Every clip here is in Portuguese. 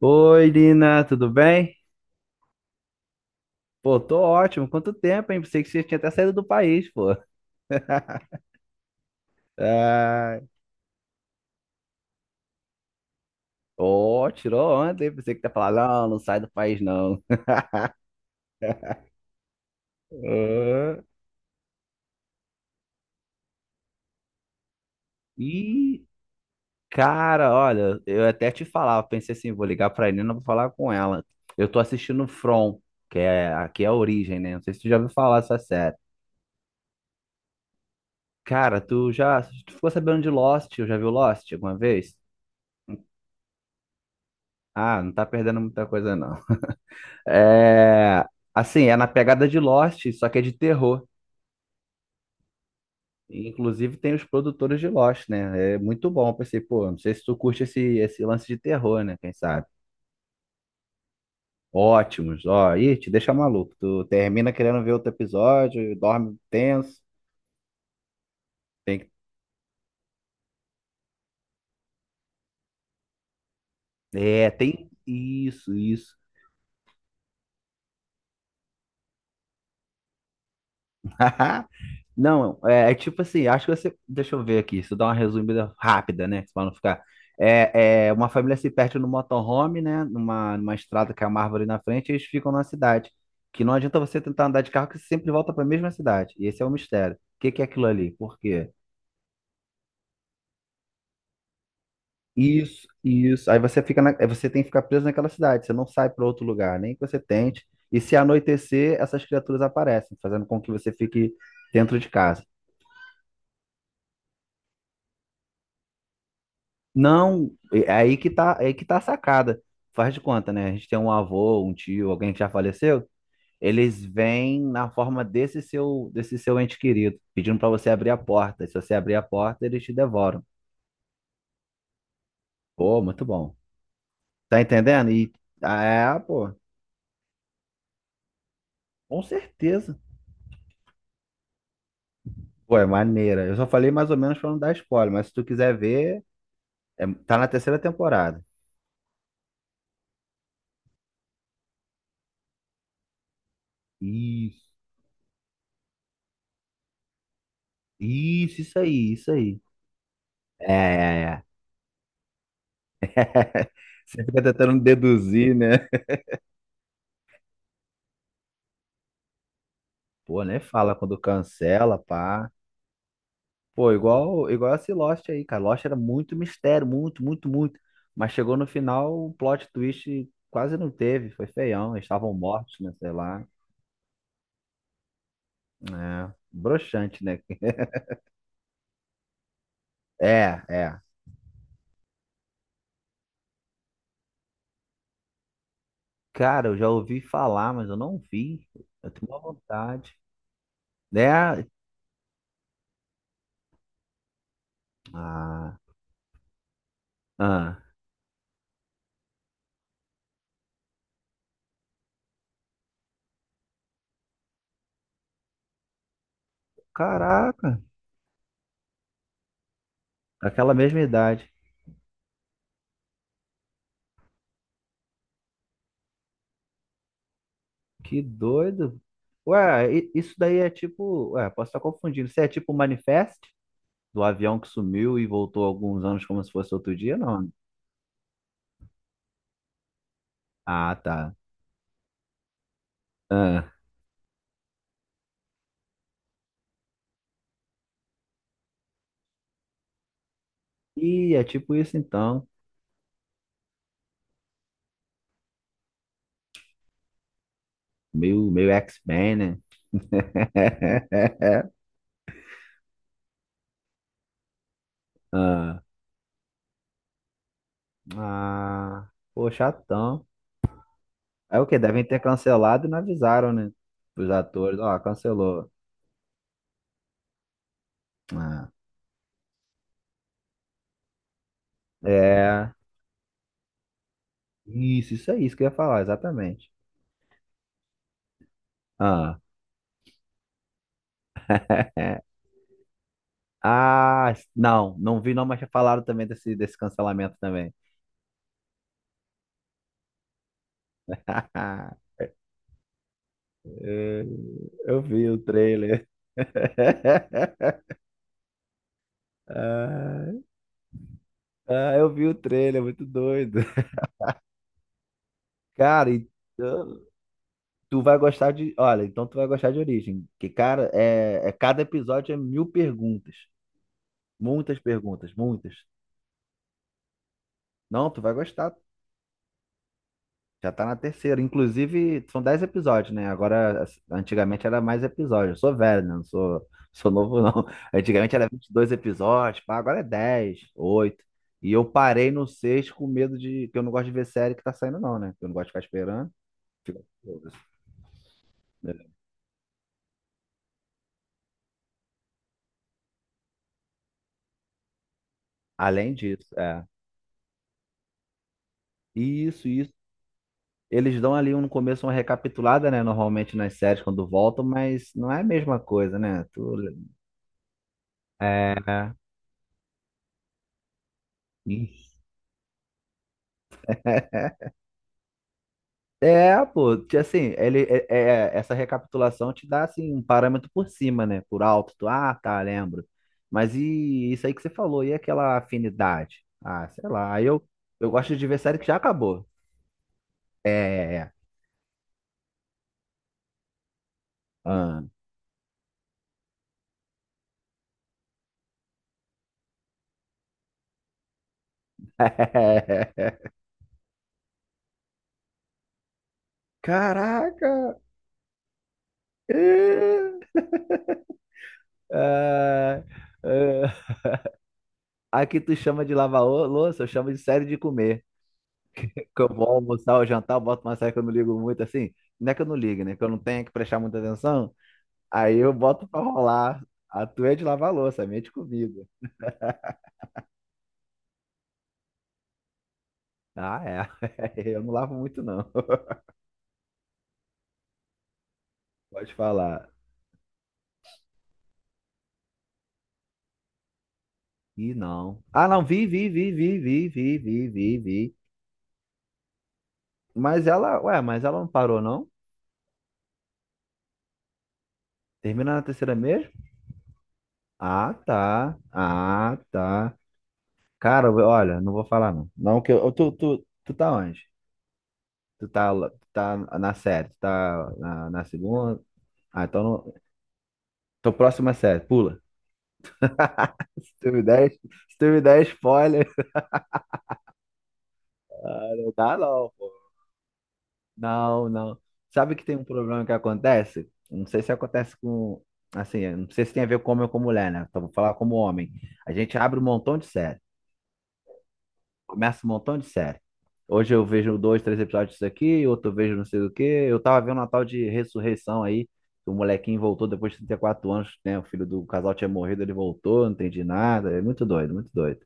Oi, Lina, tudo bem? Pô, tô ótimo. Quanto tempo, hein? Pensei que você tinha até saído do país, pô. Ah, ó, tirou ontem. Pensei que tá falando, não, não sai do país, não. Ah, E, cara, olha, eu até te falava, pensei assim, vou ligar pra Nina, vou falar com ela. Eu tô assistindo From, que é aqui é a origem, né? Não sei se tu já ouviu falar dessa série. Cara, tu ficou sabendo de Lost? Eu já viu Lost alguma vez? Ah, não tá perdendo muita coisa, não. É, assim, é na pegada de Lost, só que é de terror. E, inclusive tem os produtores de Lost, né? É muito bom. Eu pensei, pô, não sei se tu curte esse lance de terror, né? Quem sabe? Ótimos. Ó, ih, te deixa maluco. Tu termina querendo ver outro episódio, dorme tenso. Tem que... É, tem isso, isso. Não, é tipo assim, acho que você. Deixa eu ver aqui, se eu dar uma resumida rápida, né? Pra não ficar. É, uma família se perde no motorhome, né? Numa estrada que é uma árvore na frente, e eles ficam na cidade. Que não adianta você tentar andar de carro, que você sempre volta para a mesma cidade. E esse é o mistério. O que que é aquilo ali? Por quê? Isso, isso. Aí você fica na, aí você tem que ficar preso naquela cidade, você não sai para outro lugar, nem que você tente. E se anoitecer, essas criaturas aparecem, fazendo com que você fique dentro de casa. Não, é aí que tá, é aí que tá a sacada. Faz de conta, né? A gente tem um avô, um tio, alguém que já faleceu. Eles vêm na forma desse seu ente querido, pedindo pra você abrir a porta. Se você abrir a porta, eles te devoram. Pô, muito bom. Tá entendendo? E ah, é, pô, com certeza. Pô, é maneira. Eu só falei mais ou menos pra não dar spoiler, mas se tu quiser ver, tá na terceira temporada. Isso, isso aí, isso aí. É, é, é. Você fica tentando deduzir, né? Pô, nem fala quando cancela, pá. Pô, igual esse Lost aí, cara. Lost era muito mistério, muito, muito, muito. Mas chegou no final, o plot twist quase não teve, foi feião. Eles estavam mortos, né? Sei lá. É, broxante, né? É, é. Cara, eu já ouvi falar, mas eu não vi. Eu tenho uma vontade. Né? Ah, ah. Caraca, aquela mesma idade. Que doido. Ué, isso daí é tipo. Ué, posso estar confundindo. Isso é tipo manifest? Do avião que sumiu e voltou alguns anos como se fosse outro dia, não. Ah, tá. Ah. E é tipo isso então. Meio, meio X-Men, né? Ah, ah, pô, chatão. É o que? Devem ter cancelado e não avisaram, né? Os atores, ó, cancelou. Ah, é. Isso é isso que eu ia falar, exatamente. Ah, ah, não, não vi não, mas já falaram também desse cancelamento também. É, eu vi o trailer. Ah, ah, eu vi o trailer, muito doido. Cara, então, tu vai gostar de. Olha, então tu vai gostar de Origem. Que, cara, cada episódio é mil perguntas. Muitas perguntas, muitas. Não, tu vai gostar. Já tá na terceira. Inclusive, são 10 episódios, né? Agora, antigamente era mais episódios. Eu sou velho, né? Não sou, sou novo, não. Antigamente era 22 episódios, pá, agora é 10 oito. E eu parei no 6 com medo de. Que eu não gosto de ver série que tá saindo, não, né? Que eu não gosto de ficar esperando. Além disso, é. E isso, isso. Eles dão ali no começo uma recapitulada, né? Normalmente nas séries quando voltam, mas não é a mesma coisa, né? Tu... É. É, pô, assim, ele, essa recapitulação te dá, assim, um parâmetro por cima, né? Por alto, tu, ah, tá, lembro. Mas e isso aí que você falou, e aquela afinidade? Ah, sei lá, aí eu gosto de ver série que já acabou. É, é, é. Ah. Caraca! É, é, é. Aqui tu chama de lavar louça, eu chamo de série de comer. Que eu vou almoçar ou jantar, eu boto uma série que eu não ligo muito, assim. Não é que eu não ligo, né? Que eu não tenho que prestar muita atenção. Aí eu boto pra rolar. A tua é de lavar louça, a minha é de comida. Ah, é. Eu não lavo muito, não. Pode falar. Ih, não. Ah, não, vi, vi, vi, vi, vi, vi, vi, vi, vi. Mas ela, ué, mas ela não parou, não? Termina na terceira mesmo? Ah, tá. Ah, tá. Cara, olha, não vou falar, não. Não, que eu, tu tá onde? Tu tá na série? Tu tá na segunda? Ah, então não. Tô próxima série, pula. Se tu me der spoiler. Dá não, pô. Não, não. Sabe que tem um problema que acontece? Não sei se acontece com. Assim, eu não sei se tem a ver com homem ou com mulher, né? Então vou falar como homem. A gente abre um montão de série. Começa um montão de série. Hoje eu vejo dois, três episódios disso aqui, outro eu vejo não sei o quê. Eu tava vendo uma tal de ressurreição aí. Que o molequinho voltou depois de 34 anos, né? O filho do casal tinha morrido, ele voltou, não entendi nada. É muito doido, muito doido.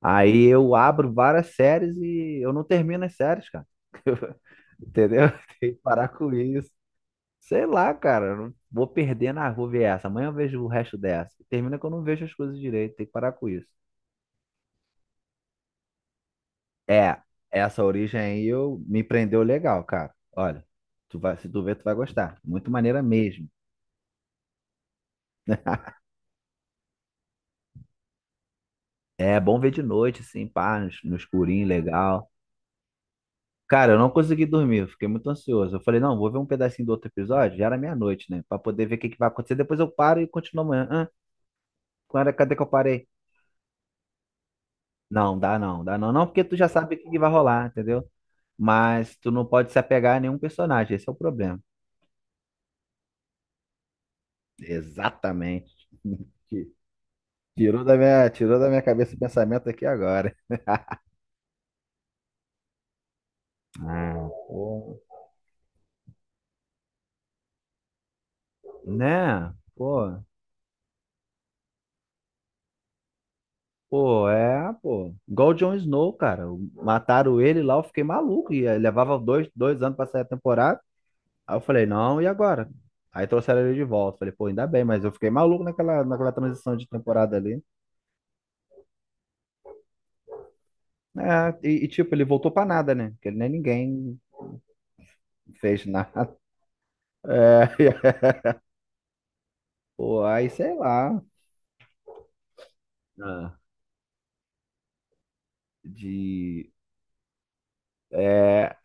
Aí eu abro várias séries e eu não termino as séries, cara. Entendeu? Tem que parar com isso. Sei lá, cara. Eu não vou perder na rua ver essa. Amanhã eu vejo o resto dessa. Termina que eu não vejo as coisas direito. Tem que parar com isso. É, essa origem aí me prendeu legal, cara. Olha, se tu ver, tu vai gostar. Muito maneira mesmo. É bom ver de noite, assim, pá, no escurinho, legal. Cara, eu não consegui dormir, eu fiquei muito ansioso. Eu falei, não, vou ver um pedacinho do outro episódio, já era meia-noite, né? Pra poder ver o que que vai acontecer. Depois eu paro e continuo amanhã. Hã? Quando Ah, cadê que eu parei? Não, dá não, dá não. Não, porque tu já sabe o que que vai rolar, entendeu? Mas tu não pode se apegar a nenhum personagem, esse é o problema. Exatamente. Tirou da minha cabeça o pensamento aqui agora. Ah, pô. Né? Pô, pô, é, pô. Igual o Jon Snow, cara. Mataram ele lá, eu fiquei maluco. E aí levava dois, dois anos pra sair a temporada. Aí eu falei, não, e agora? Aí trouxeram ele de volta. Falei, pô, ainda bem, mas eu fiquei maluco naquela transição de temporada ali. É, e, tipo, ele voltou pra nada, né? Porque nem ninguém fez nada. É, pô, aí sei lá. Ah, de. É,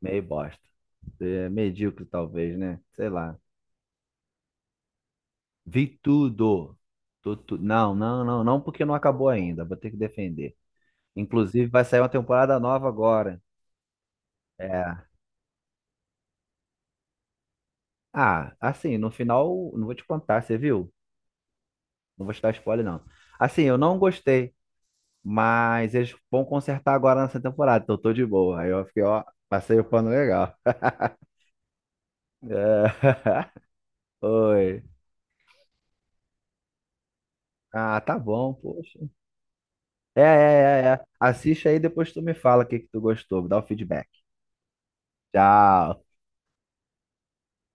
meio bosta. É, medíocre, talvez, né? Sei lá. Vi tudo. Não, não, não, não, porque não acabou ainda. Vou ter que defender. Inclusive, vai sair uma temporada nova agora. É. Ah, assim, no final, não vou te contar, você viu? Não vou te dar spoiler, não. Assim, eu não gostei. Mas eles vão consertar agora nessa temporada, então eu tô de boa. Aí eu fiquei, ó, passei o pano legal. É. Oi. Ah, tá bom, poxa. É, é, é, é. Assiste aí, depois tu me fala o que que tu gostou, me dá o feedback. Tchau.